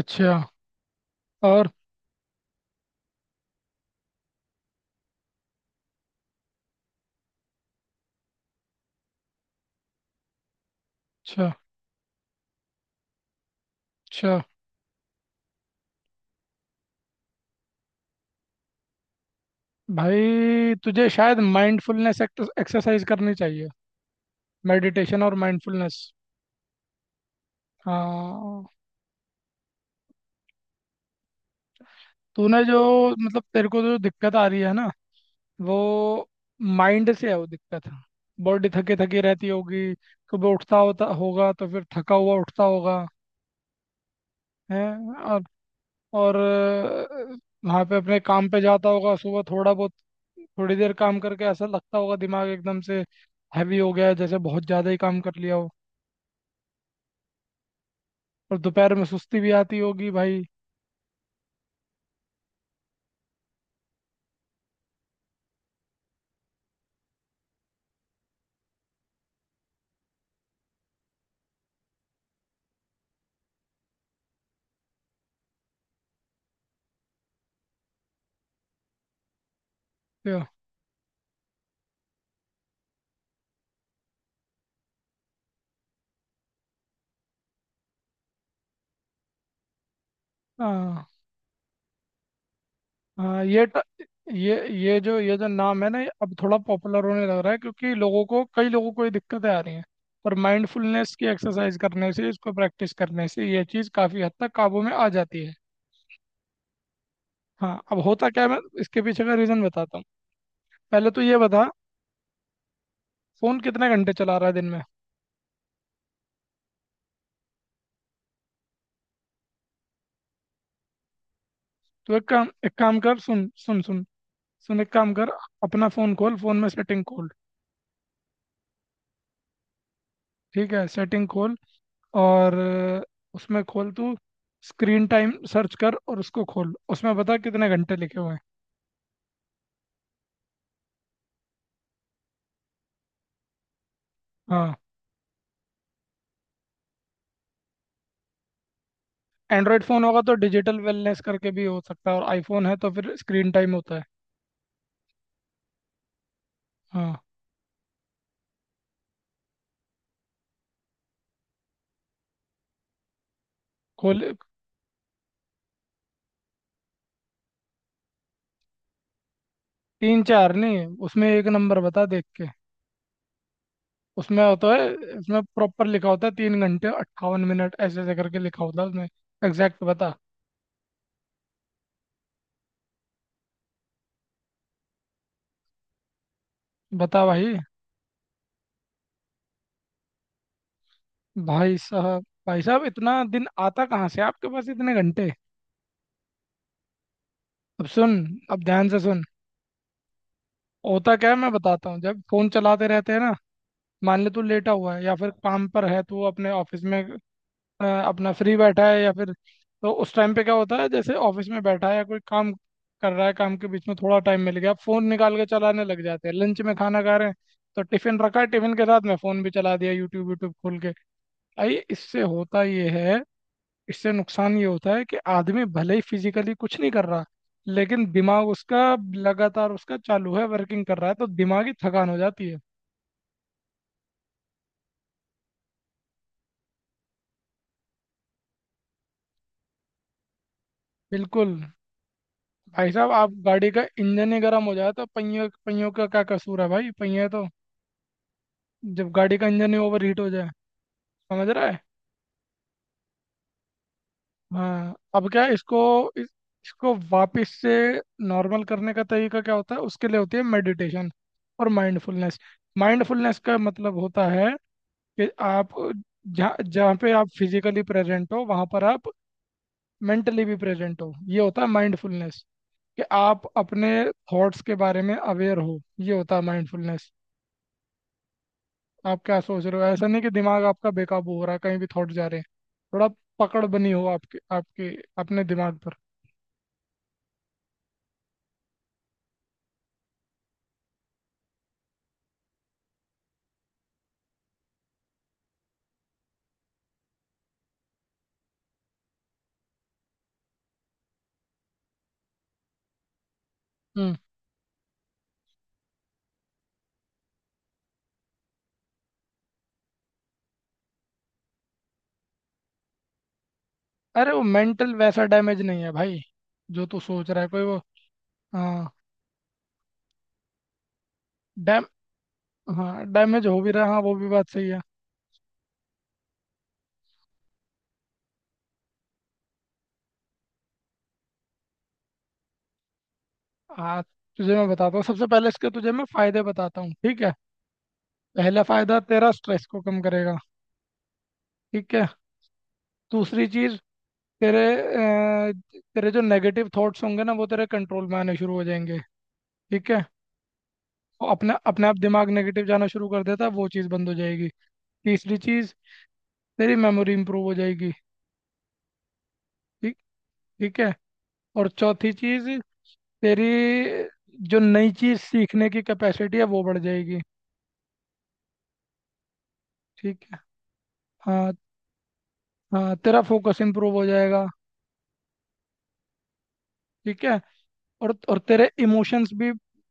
अच्छा। और। अच्छा। अच्छा। भाई तुझे शायद माइंडफुलनेस एक्सरसाइज करनी चाहिए। मेडिटेशन और माइंडफुलनेस। हाँ। तूने जो मतलब तेरे को जो दिक्कत आ रही है ना वो माइंड से है वो दिक्कत। बॉडी थकी थकी रहती होगी। कभी उठता होता होगा तो फिर थका हुआ उठता होगा। है। और वहाँ पे अपने काम पे जाता होगा सुबह थोड़ा बहुत। थोड़ी देर काम करके ऐसा लगता होगा दिमाग एकदम से हैवी हो गया है जैसे बहुत ज़्यादा ही काम कर लिया हो। और दोपहर में सुस्ती भी आती होगी भाई। तो, हाँ। हाँ ये जो नाम है ना ये अब थोड़ा पॉपुलर होने लग रहा है क्योंकि लोगों को कई लोगों को ये दिक्कतें आ रही हैं। पर माइंडफुलनेस की एक्सरसाइज करने से इसको प्रैक्टिस करने से ये चीज़ काफ़ी हद तक काबू में आ जाती है। हाँ। अब होता क्या है मैं इसके पीछे का रीज़न बताता हूँ। पहले तो ये बता फोन कितने घंटे चला रहा है दिन में। तो एक काम कर। सुन सुन सुन। सुन एक काम कर। अपना फोन खोल फोन में सेटिंग खोल। ठीक है। सेटिंग खोल। और उसमें खोल तू स्क्रीन टाइम सर्च कर और उसको खोल उसमें बता कितने घंटे लिखे हुए हैं। हाँ। एंड्रॉयड फोन होगा तो डिजिटल वेलनेस करके भी हो सकता है और आईफोन है तो फिर स्क्रीन टाइम होता है। हाँ। खोल। तीन चार नहीं उसमें एक नंबर बता देख के। उसमें होता है। उसमें प्रॉपर लिखा होता है 3 घंटे 58 मिनट ऐसे ऐसे करके लिखा होता है उसमें। एग्जैक्ट बता। बता भाई। भाई साहब इतना दिन आता कहाँ से आपके पास इतने घंटे। अब सुन। अब ध्यान से सुन। होता क्या है मैं बताता हूँ जब फोन चलाते रहते हैं ना। मान ले तू लेटा हुआ है या फिर काम पर है तू अपने ऑफिस में। अपना फ्री बैठा है या फिर। तो उस टाइम पे क्या होता है जैसे ऑफिस में बैठा है या कोई काम कर रहा है काम के बीच में थोड़ा टाइम मिल गया फोन निकाल के चलाने लग जाते हैं। लंच में खाना खा रहे हैं तो टिफिन रखा है टिफिन के साथ में फोन भी चला दिया यूट्यूब यूट्यूब खोल के। भाई इससे होता ये है। इससे नुकसान ये होता है कि आदमी भले ही फिजिकली कुछ नहीं कर रहा लेकिन दिमाग उसका लगातार उसका चालू है वर्किंग कर रहा है तो दिमागी थकान हो जाती है। बिल्कुल। भाई साहब आप गाड़ी का इंजन ही गर्म हो जाए तो पहियों पहियों का क्या कसूर है भाई पहिए तो। जब गाड़ी का इंजन ही ओवर हीट हो जाए। समझ रहा है। हाँ। अब क्या है इसको इस, इसको वापस से नॉर्मल करने का तरीका क्या होता है उसके लिए होती है मेडिटेशन और माइंडफुलनेस। माइंडफुलनेस का मतलब होता है कि आप जहाँ जहाँ पे आप फिजिकली प्रेजेंट हो वहाँ पर आप मेंटली भी प्रेजेंट हो। ये होता है माइंडफुलनेस। कि आप अपने थॉट्स के बारे में अवेयर हो। ये होता है माइंडफुलनेस। आप क्या सोच रहे हो ऐसा नहीं कि दिमाग आपका बेकाबू हो रहा है कहीं भी थॉट जा रहे हैं। थोड़ा पकड़ बनी हो आपके आपके अपने दिमाग पर। हम्म। अरे वो मेंटल वैसा डैमेज नहीं है भाई जो तू सोच रहा है कोई वो। हाँ डैम हाँ डैमेज हो भी रहा है। हाँ वो भी बात सही है। हाँ तुझे मैं बताता हूँ सबसे पहले इसके तुझे मैं फायदे बताता हूँ। ठीक है। पहला फायदा तेरा स्ट्रेस को कम करेगा। ठीक है। दूसरी चीज। तेरे अ, तेरे जो नेगेटिव थॉट्स होंगे ना वो तेरे कंट्रोल में आने शुरू हो जाएंगे। ठीक है। वो अपना अपने आप दिमाग नेगेटिव जाना शुरू कर देता है वो चीज़ बंद हो जाएगी। तीसरी चीज़। तेरी मेमोरी इंप्रूव हो जाएगी। ठीक। ठीक है। और चौथी चीज़। तेरी जो नई चीज़ सीखने की कैपेसिटी है वो बढ़ जाएगी। ठीक है। हाँ। हाँ तेरा फोकस इंप्रूव हो जाएगा। ठीक है। और तेरे इमोशंस भी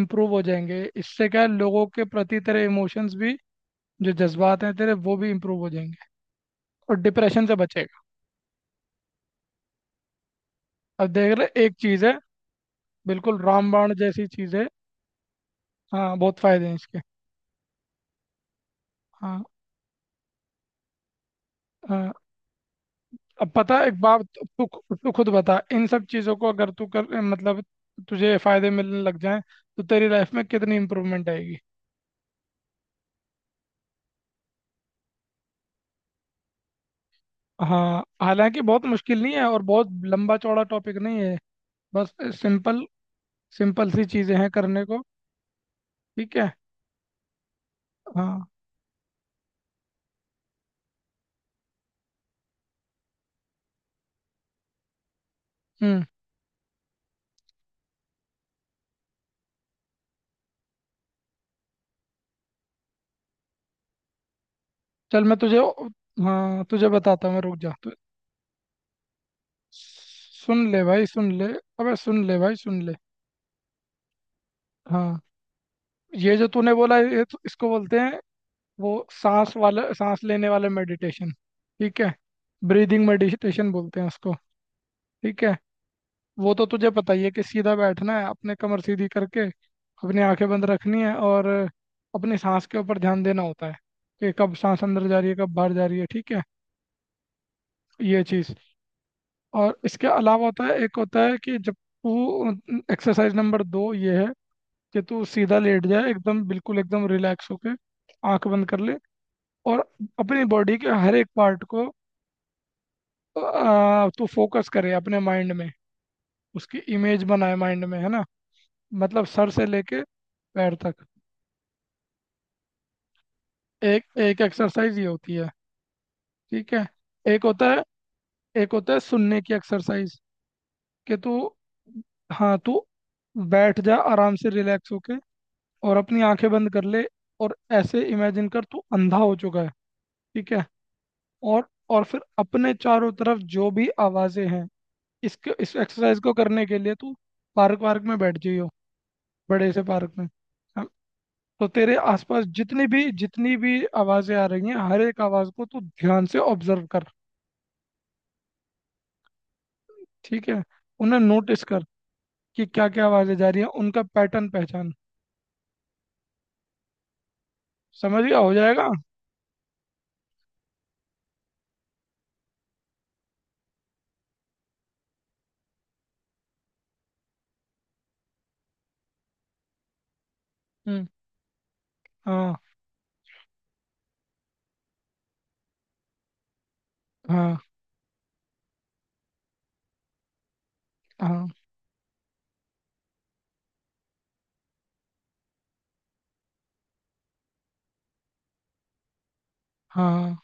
इंप्रूव हो जाएंगे। इससे क्या है लोगों के प्रति तेरे इमोशंस भी जो जज्बात हैं तेरे वो भी इंप्रूव हो जाएंगे। और डिप्रेशन से बचेगा। अब देख रहे एक चीज़ है। बिल्कुल रामबाण जैसी चीज़ है। हाँ बहुत फायदे हैं इसके। हाँ। हाँ, अब पता है, एक बात। तू तू खुद बता इन सब चीज़ों को अगर तू कर मतलब तुझे फायदे मिलने लग जाएं तो तेरी लाइफ में कितनी इम्प्रूवमेंट आएगी। हाँ हालांकि बहुत मुश्किल नहीं है और बहुत लंबा चौड़ा टॉपिक नहीं है। बस सिंपल सिंपल सी चीज़ें हैं करने को। ठीक है। हाँ। हम्म। चल मैं तुझे हाँ तुझे बताता हूँ मैं रुक जा तू। सुन ले भाई सुन ले। अबे सुन ले भाई सुन ले। हाँ। ये जो तूने बोला ये तो इसको बोलते हैं वो सांस लेने वाला मेडिटेशन। ठीक है। ब्रीदिंग मेडिटेशन बोलते हैं उसको। ठीक है। वो तो तुझे पता ही है कि सीधा बैठना है अपने कमर सीधी करके अपनी आंखें बंद रखनी है और अपनी सांस के ऊपर ध्यान देना होता है कि कब सांस अंदर जा रही है कब बाहर जा रही है। ठीक है। ये चीज़। और इसके अलावा होता है एक होता है कि जब तू एक्सरसाइज नंबर दो ये है कि तू सीधा लेट जाए एकदम बिल्कुल एकदम रिलैक्स होके। आंख बंद कर ले और अपनी बॉडी के हर एक पार्ट को तू फोकस करे अपने माइंड में। उसकी इमेज बनाए माइंड में है ना। मतलब सर से लेके पैर तक। एक एक एक्सरसाइज ये होती है। ठीक है। एक होता है एक होता है सुनने की एक्सरसाइज। कि तू हाँ तू बैठ जा आराम से रिलैक्स होके और अपनी आंखें बंद कर ले और ऐसे इमेजिन कर तू अंधा हो चुका है। ठीक है। और और फिर अपने चारों तरफ जो भी आवाजें हैं इसके इस एक्सरसाइज को करने के लिए तू पार्क वार्क में बैठ जाइयो। बड़े से पार्क में। हाँ। तो तेरे आसपास जितनी भी आवाजें आ रही हैं हर एक आवाज को तू ध्यान से ऑब्जर्व कर। ठीक है। उन्हें नोटिस कर कि क्या क्या आवाजें जा रही हैं उनका पैटर्न पहचान। समझ गया हो जाएगा। हम्म। हाँ हाँ हाँ हाँ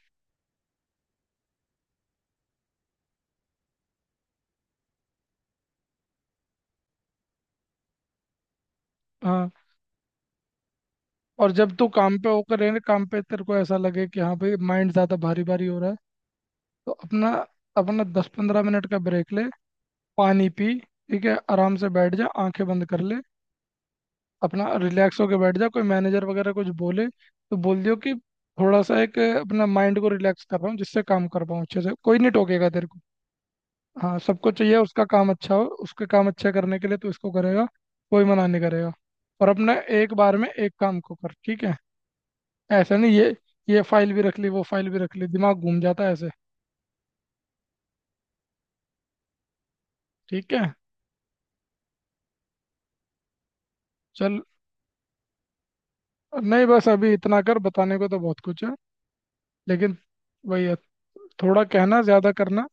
हाँ। और जब तू काम पे तेरे को ऐसा लगे कि हाँ भाई माइंड ज्यादा भारी भारी हो रहा है। तो अपना अपना 10-15 मिनट का ब्रेक ले। पानी पी ठीक है आराम से बैठ जा आंखें बंद कर ले। अपना रिलैक्स होके बैठ जा कोई मैनेजर वगैरह कुछ बोले तो बोल दियो कि थोड़ा सा अपना माइंड को रिलैक्स कर रहा हूँ जिससे काम कर पाऊँ अच्छे से कोई नहीं टोकेगा तेरे को। हाँ सबको चाहिए उसका काम अच्छा हो उसके काम अच्छा करने के लिए तो इसको करेगा कोई मना नहीं करेगा। और अपना एक बार में एक काम को कर। ठीक है। ऐसा नहीं ये फाइल भी रख ली वो फाइल भी रख ली दिमाग घूम जाता है ऐसे। ठीक है। चल नहीं बस अभी इतना कर बताने को तो बहुत कुछ है लेकिन वही है थोड़ा कहना ज्यादा करना।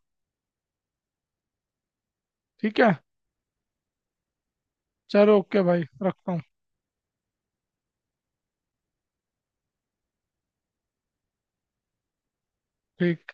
ठीक है। चलो ओके भाई रखता हूँ। ठीक।